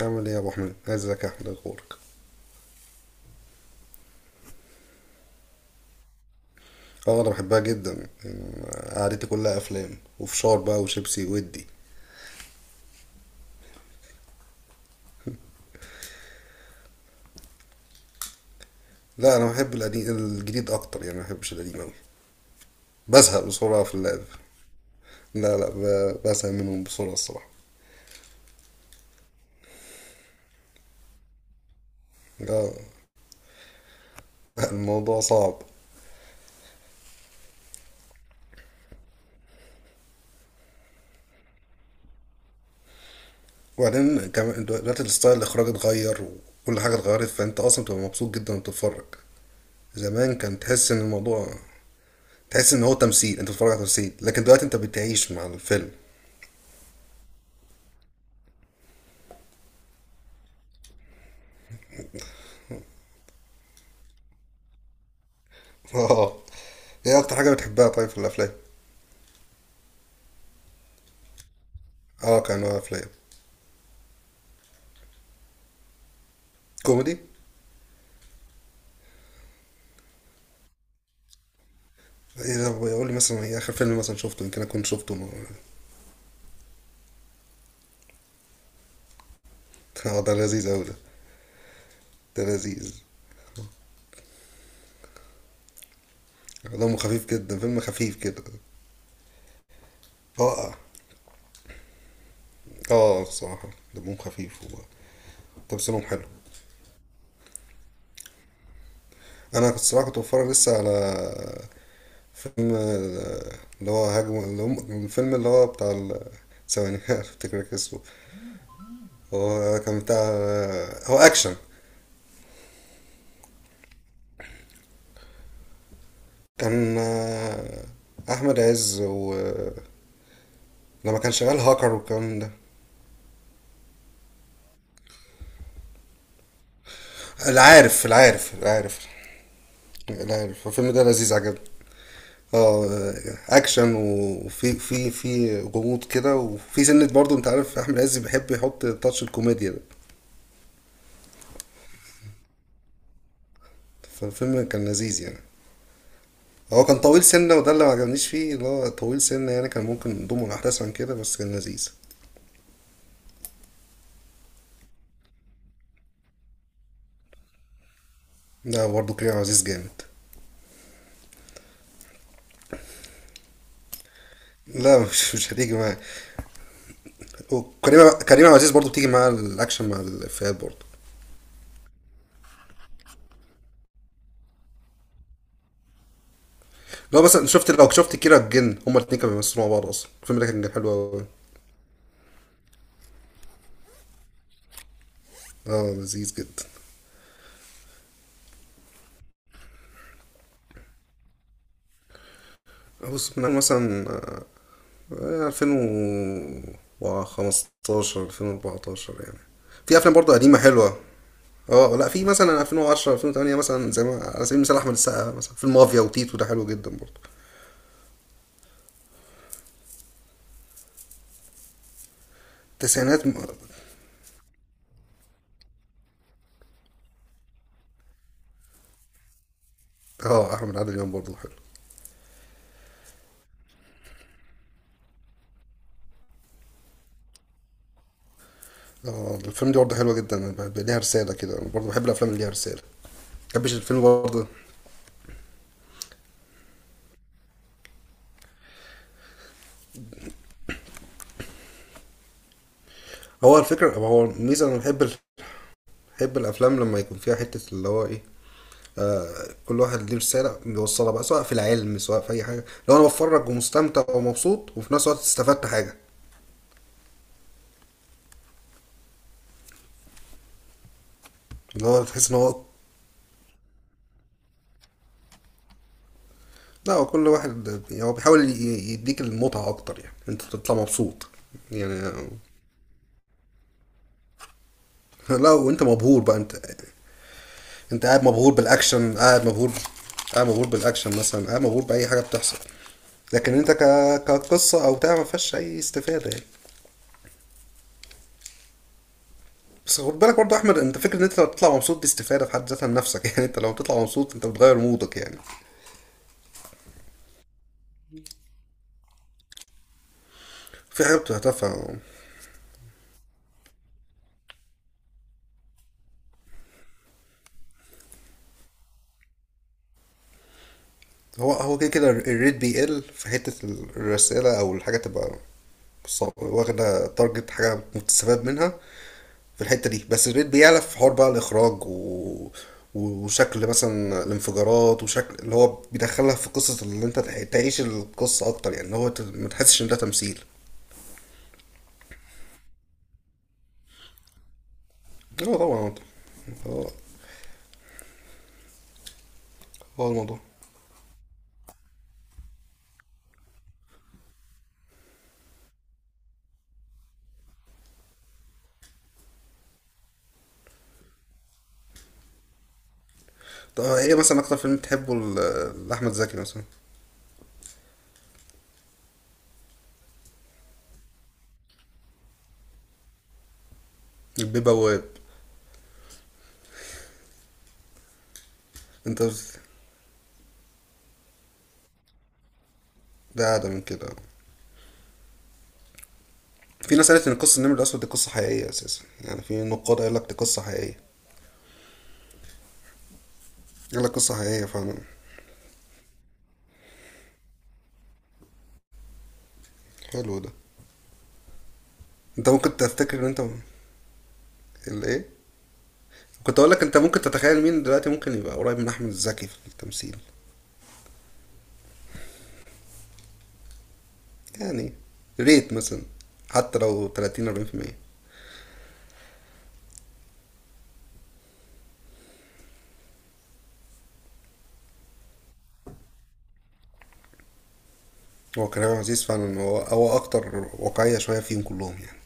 عامل ايه يا ابو احمد، ازيك يا احمد، اخبارك؟ اه، انا بحبها جدا يعني. قعدتي كلها افلام وفشار بقى وشيبسي ودي. لا، انا بحب القديم الجديد اكتر يعني، ما بحبش القديم اوي. بزهق بسرعه في اللعب. لا لا، بزهق منهم بسرعه الصراحه. اه، الموضوع صعب. وبعدين كمان دلوقتي الستايل الاخراج اتغير وكل حاجه اتغيرت، فانت اصلا بتبقى مبسوط جدا وانت بتتفرج. زمان كان تحس ان الموضوع، تحس ان هو تمثيل، انت بتتفرج على تمثيل. لكن دلوقتي انت بتعيش مع الفيلم. اه، ايه اكتر حاجه بتحبها طيب في الافلام؟ اه، كانوا افلام كوميدي. اذا بيقول لي مثلا ايه اخر فيلم مثلا شفته، يمكن اكون شفته اه، ده لذيذ اوي ده. ده لذيذ. دمه خفيف جدا، فيلم خفيف كده. اه، اه. اه، الصراحه دمهم خفيف. وتمثيلهم حلو. انا كنت الصراحه كنت بتفرج لسه على فيلم، اللي هو هجم، الفيلم اللي هو بتاع ثواني. افتكر لك اسمه. هو كان بتاع، هو اكشن. كان احمد عز ولما كان شغال هاكر والكلام ده. العارف العارف العارف العارف، الفيلم ده لذيذ عجبني. اه، اكشن، وفي في في غموض كده، وفي سنة برضه، انت عارف احمد عز بيحب يحط تاتش الكوميديا ده. فالفيلم كان لذيذ يعني. هو كان طويل سنة، وده اللي ما عجبنيش فيه اللي هو طويل سنة، يعني كان ممكن نضمه الأحداث عن كده، بس كان لذيذ. لا، برضه كريم عبد العزيز جامد. لا، مش هتيجي معايا. وكريم عبد العزيز برضه بتيجي مع الاكشن مع الافيهات برضه. لو شفت كيرة الجن، هما الاتنين كانوا بيمثلوا مع بعض اصلا، الفيلم ده كان حلو قوي. اه، لذيذ جدا. بص، من مثلا 2015 2014 يعني. في افلام برضه قديمه حلوه. اه، لا، في مثلا 2010 2008 مثلا، زي ما على سبيل المثال احمد السقا مثلا فيلم مافيا وتيتو، ده حلو جدا برضه. التسعينات اه، عادل امام برضه حلو. اه، الفيلم دي برضه حلوه جدا، ليها رساله كده، انا برضه بحب الافلام اللي ليها رساله، ما بحبش الفيلم برضه. هو الميزه، انا بحب الافلام لما يكون فيها حته اللي هو ايه، كل واحد ليه رساله بيوصلها بقى، سواء في العلم سواء في اي حاجه. لو انا بتفرج ومستمتع ومبسوط وفي نفس الوقت استفدت حاجه. اللي هو تحس ان هو، لا، هو كل واحد يعني هو بيحاول يديك المتعه اكتر، يعني انت تطلع مبسوط. يعني، لا وانت مبهور بقى انت. انت قاعد مبهور بالاكشن، قاعد مبهور. قاعد مبهور بالاكشن مثلا، قاعد مبهور باي حاجه بتحصل. لكن انت كقصه او بتاع ما فيهاش اي استفاده يعني. بس خد بالك برضه يا احمد، انت فكره ان انت لو بتطلع مبسوط دي استفاده في حد ذاتها لنفسك. يعني انت لو بتطلع مبسوط انت بتغير مودك يعني. في حاجه بتبقى تافهه. هو كده كده الريت بيقل في حته الرساله او الحاجه تبقى صعبة، واخده تارجت حاجه مستفاد منها في الحته دي. بس البيت بيعلى في حوار بقى الاخراج، و... وشكل مثلا الانفجارات، وشكل اللي هو بيدخلها في قصه اللي انت تعيش القصه اكتر، يعني اللي هو ما تحسش ان ده تمثيل. اه طبعا. هو هو الموضوع. طب ايه مثلا اكتر فيلم تحبه لاحمد زكي مثلا؟ البيه بواب. انت بت- ده اعلى من كده. في ناس قالت ان قصه النمر الاسود دي قصه حقيقيه اساسا، يعني في نقاد قال لك دي قصه حقيقيه. قال لك قصه حقيقيه فعلا. حلو ده. انت ممكن تفتكر ان انت، الايه، كنت اقول لك انت ممكن تتخيل مين دلوقتي ممكن يبقى قريب من احمد زكي في التمثيل؟ يعني ريت مثلا حتى لو 30 40%. هو كريم عزيز فعلا، هو اكتر واقعية شوية فيهم كلهم يعني.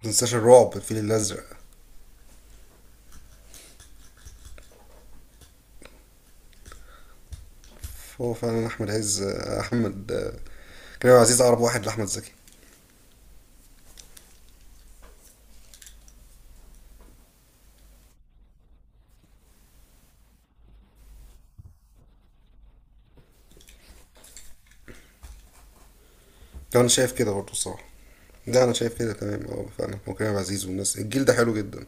متنساش الرعب، الفيل الازرق. هو فعلا احمد عز احمد كريم عزيز اقرب واحد لاحمد زكي. ده انا شايف كده برضه الصراحة. ده انا شايف كده تمام، فعلا هو كريم عزيز والناس الجيل ده حلو جدا.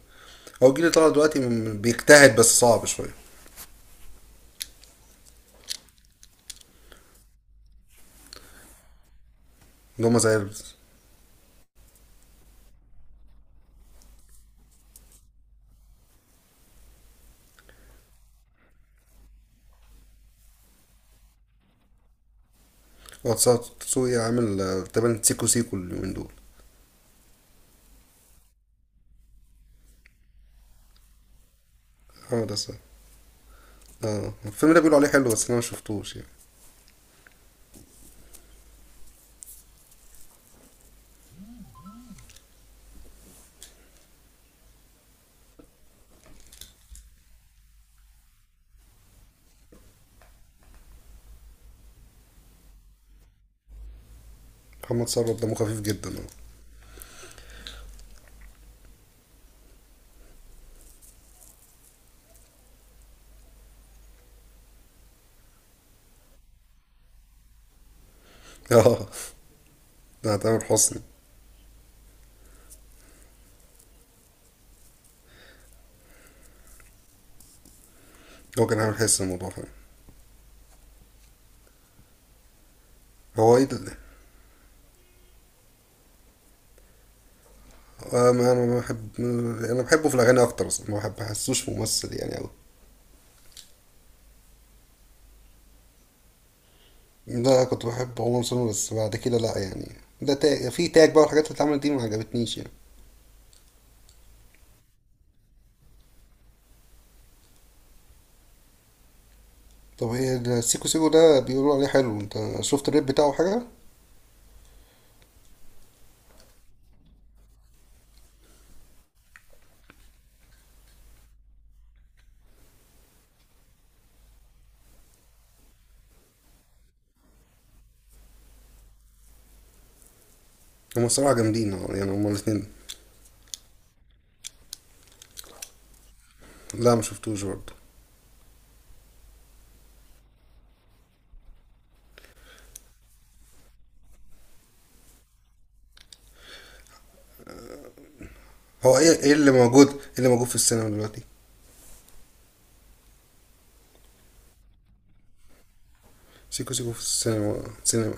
هو الجيل اللي طالع دلوقتي بيجتهد، بس صعب شوية. اللي هما زي البس. واتساب تسوقي عامل تقريبا سيكو سيكو اليومين دول. اه، ده صح. اه، الفيلم ده بيقولوا عليه حلو، بس انا ما شفتوش يعني. محمد ثروت دمه خفيف جدا. اه، اه. ده تامر حسني. هو كان عامل حس الموضوع فعلا. هو ايه ده؟ آه، ما انا ما بحب. انا بحبه في الاغاني اكتر اصلا، ما بحسوش ممثل يعني قوي. لا، كنت بحب عمر سلمى، بس بعد كده لا يعني، ده تاج في تاج بقى والحاجات اللي اتعملت دي ما عجبتنيش يعني. طب، ايه ده السيكو سيكو ده بيقولوا عليه حلو؟ انت شفت الريب بتاعه حاجه؟ هما الصراحه جامدين، اه يعني، هما الاثنين. لا، ما شفتوش برضه. هو ايه، ايه اللي موجود في السينما دلوقتي؟ سيكو سيكو في السينما سينما.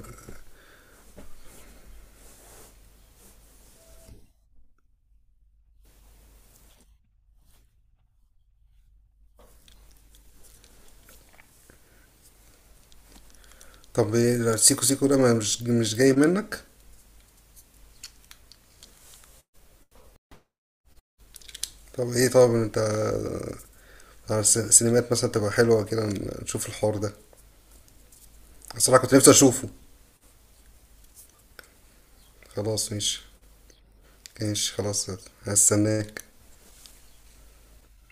طب ايه ده سيكو سيكو ده، مش جاي منك؟ طب انت على السينمات مثلا تبقى حلوة كده، نشوف الحوار ده. الصراحة كنت نفسي اشوفه. خلاص ماشي. ماشي خلاص. هستناك.